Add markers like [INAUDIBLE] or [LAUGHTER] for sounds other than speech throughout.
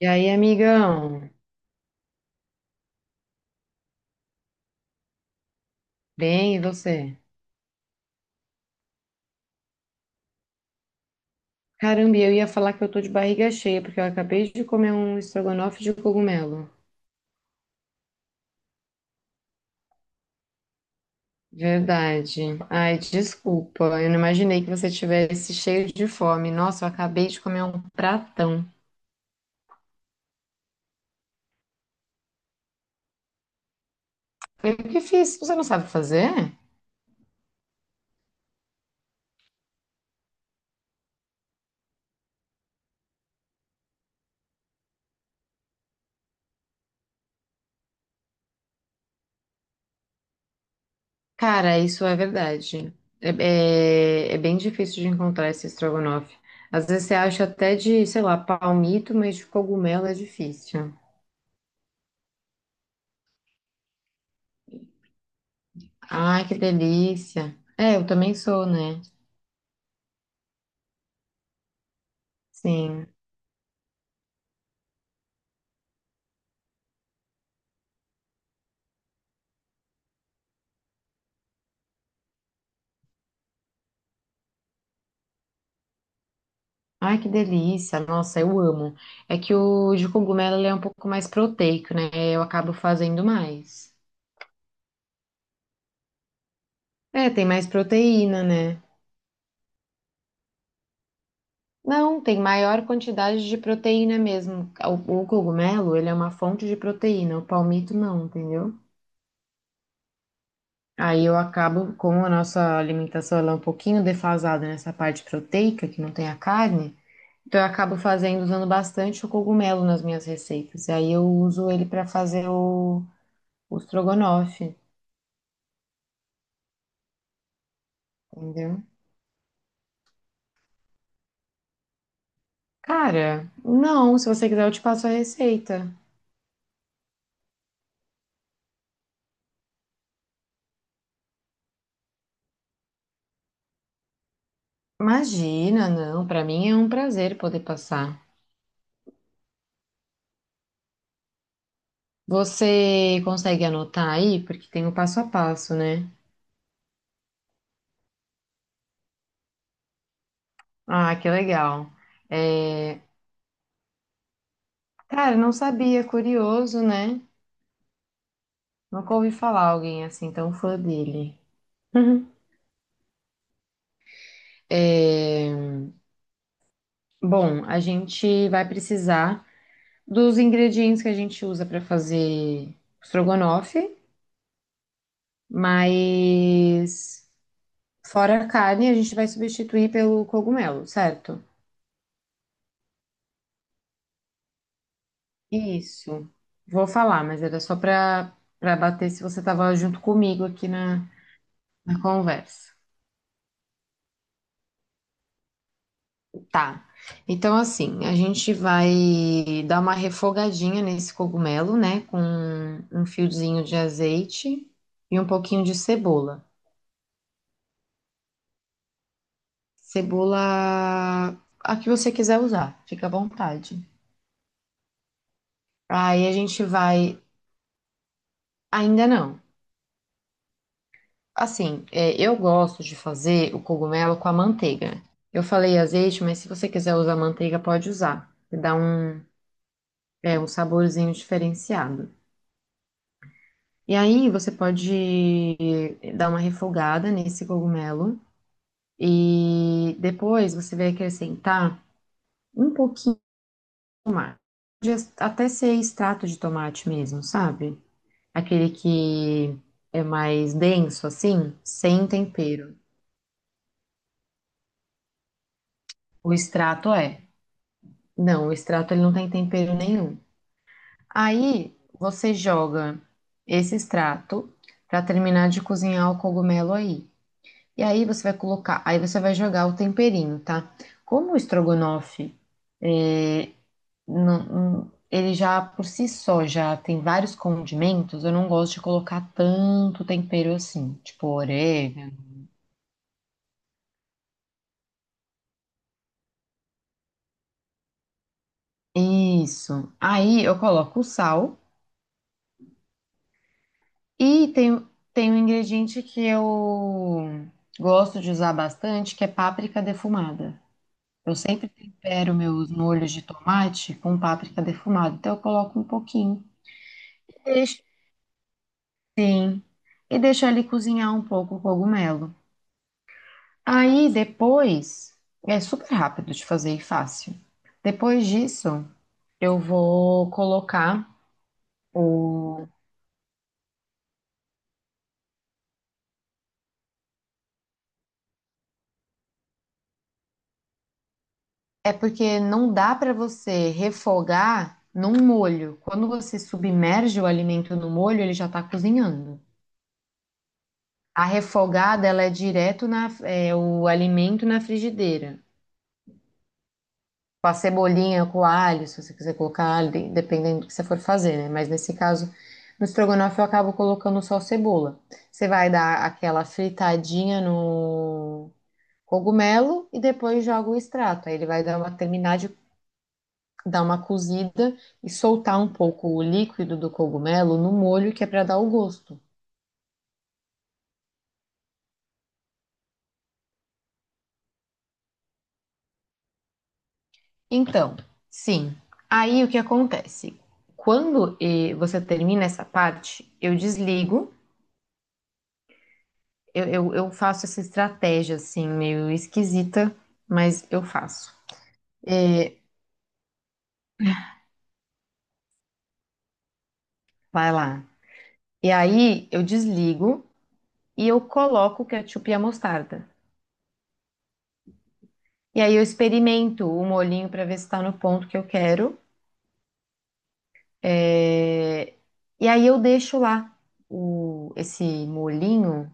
E aí, amigão? Bem, e você? Caramba, eu ia falar que eu tô de barriga cheia, porque eu acabei de comer um estrogonofe de cogumelo. Verdade. Ai, desculpa. Eu não imaginei que você tivesse cheio de fome. Nossa, eu acabei de comer um pratão. Eu que fiz? Você não sabe fazer? Cara, isso é verdade. É, é bem difícil de encontrar esse estrogonofe. Às vezes você acha até de, sei lá, palmito, mas de cogumelo é difícil. Ai, que delícia. É, eu também sou, né? Sim. Ai, que delícia. Nossa, eu amo. É que o de cogumelo ele é um pouco mais proteico, né? Eu acabo fazendo mais. É, tem mais proteína, né? Não, tem maior quantidade de proteína mesmo. O cogumelo, ele é uma fonte de proteína, o palmito não, entendeu? Aí eu acabo, como a nossa alimentação ela é um pouquinho defasada nessa parte proteica, que não tem a carne, então eu acabo fazendo, usando bastante o cogumelo nas minhas receitas. E aí eu uso ele para fazer o estrogonofe, entendeu? Cara, não, se você quiser eu te passo a receita. Imagina, não, para mim é um prazer poder passar. Você consegue anotar aí? Porque tem o passo a passo, né? Ah, que legal. É, cara, não sabia, curioso, né? Nunca ouvi falar alguém assim tão fã dele. [LAUGHS] É, bom, a gente vai precisar dos ingredientes que a gente usa para fazer estrogonofe, mas fora a carne, a gente vai substituir pelo cogumelo, certo? Isso. Vou falar, mas era só para bater se você estava junto comigo aqui na, na conversa. Tá. Então, assim, a gente vai dar uma refogadinha nesse cogumelo, né? Com um fiozinho de azeite e um pouquinho de cebola. Cebola, a que você quiser usar, fica à vontade. Aí a gente vai. Ainda não. Assim, eu gosto de fazer o cogumelo com a manteiga. Eu falei azeite, mas se você quiser usar manteiga, pode usar. Que dá um, um saborzinho diferenciado. E aí você pode dar uma refogada nesse cogumelo. E depois você vai acrescentar um pouquinho mais. Pode até ser extrato de tomate mesmo, sabe? Aquele que é mais denso, assim, sem tempero. O extrato é. Não, o extrato ele não tem tempero nenhum. Aí você joga esse extrato para terminar de cozinhar o cogumelo aí. E aí você vai colocar, aí você vai jogar o temperinho, tá? Como o estrogonofe, é, ele já por si só já tem vários condimentos, eu não gosto de colocar tanto tempero assim, tipo orégano. Isso. Aí eu coloco o sal e tem um ingrediente que eu gosto de usar bastante, que é páprica defumada. Eu sempre tempero meus molhos de tomate com páprica defumada, então eu coloco um pouquinho e deixo, e deixo ali cozinhar um pouco o cogumelo. Aí depois, é super rápido de fazer e fácil. Depois disso, eu vou colocar o... É porque não dá para você refogar num molho. Quando você submerge o alimento no molho, ele já está cozinhando. A refogada, ela é direto na, o alimento na frigideira. Com a cebolinha, com o alho, se você quiser colocar alho, dependendo do que você for fazer, né? Mas nesse caso, no estrogonofe eu acabo colocando só cebola. Você vai dar aquela fritadinha no cogumelo e depois joga o extrato. Aí ele vai dar uma terminar de dar uma cozida e soltar um pouco o líquido do cogumelo no molho que é para dar o gosto. Então, sim, aí o que acontece? Quando você termina essa parte, eu desligo, eu faço essa estratégia assim, meio esquisita, mas eu faço. Eh, Vai lá. E aí eu desligo e eu coloco o ketchup e a mostarda. E aí eu experimento o molhinho para ver se está no ponto que eu quero. É, e aí eu deixo lá o... esse molinho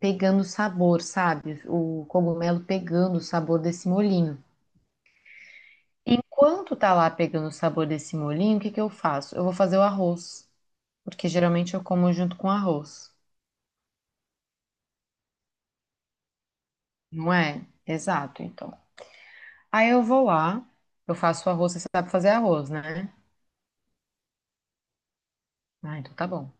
pegando o sabor, sabe? O cogumelo pegando o sabor desse molinho. Enquanto tá lá pegando o sabor desse molinho, o que que eu faço? Eu vou fazer o arroz, porque geralmente eu como junto com arroz, não é? Exato, então. Aí eu vou lá, eu faço o arroz, você sabe fazer arroz, né? Ah, então tá bom.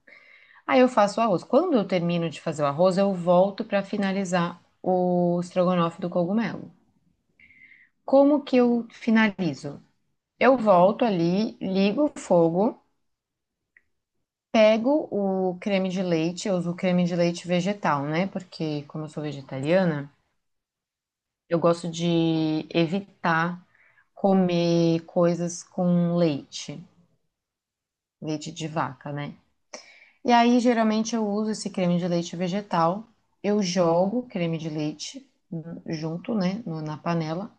Aí eu faço o arroz. Quando eu termino de fazer o arroz, eu volto para finalizar o estrogonofe do cogumelo. Como que eu finalizo? Eu volto ali, ligo o fogo, pego o creme de leite, eu uso o creme de leite vegetal, né? Porque como eu sou vegetariana, eu gosto de evitar comer coisas com leite, leite de vaca, né? E aí geralmente eu uso esse creme de leite vegetal, eu jogo o creme de leite junto, né, na panela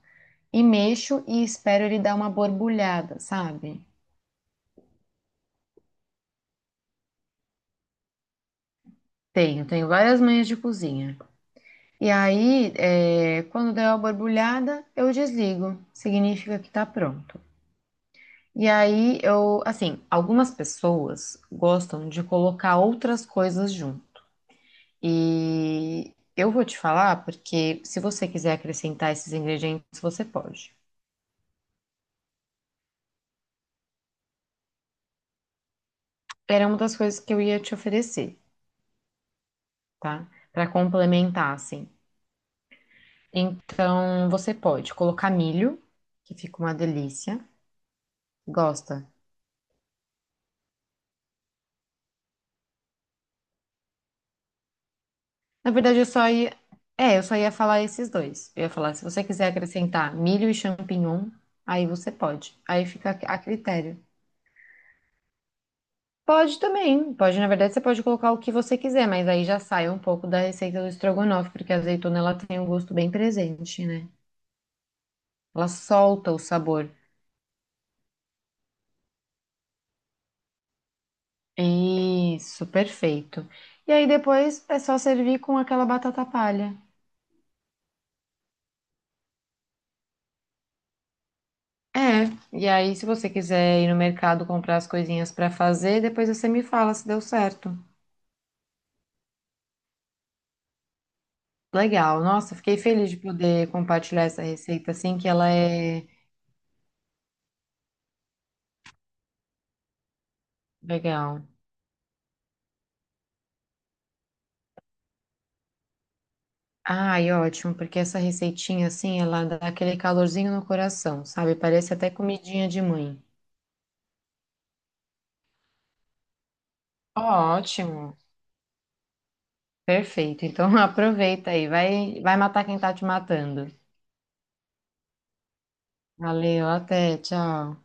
e mexo e espero ele dar uma borbulhada, sabe? Tenho, tenho várias manhas de cozinha. E aí, quando der uma borbulhada, eu desligo. Significa que tá pronto. E aí, eu, assim, algumas pessoas gostam de colocar outras coisas junto. E eu vou te falar, porque se você quiser acrescentar esses ingredientes, você pode. Era uma das coisas que eu ia te oferecer, tá? Pra complementar, assim. Então, você pode colocar milho, que fica uma delícia. Gosta? Na verdade, eu só ia. É, eu só ia falar esses dois. Eu ia falar, se você quiser acrescentar milho e champignon, aí você pode. Aí fica a critério. Pode também. Pode, na verdade, você pode colocar o que você quiser, mas aí já sai um pouco da receita do estrogonofe, porque a azeitona ela tem um gosto bem presente, né? Ela solta o sabor. Isso, perfeito. E aí depois é só servir com aquela batata palha. É, e aí se você quiser ir no mercado comprar as coisinhas pra fazer, depois você me fala se deu certo. Legal. Nossa, fiquei feliz de poder compartilhar essa receita assim, que ela é legal. Ai, ótimo, porque essa receitinha assim, ela dá aquele calorzinho no coração, sabe? Parece até comidinha de mãe. Ótimo. Perfeito. Então [LAUGHS] aproveita aí, vai matar quem tá te matando. Valeu, até, tchau.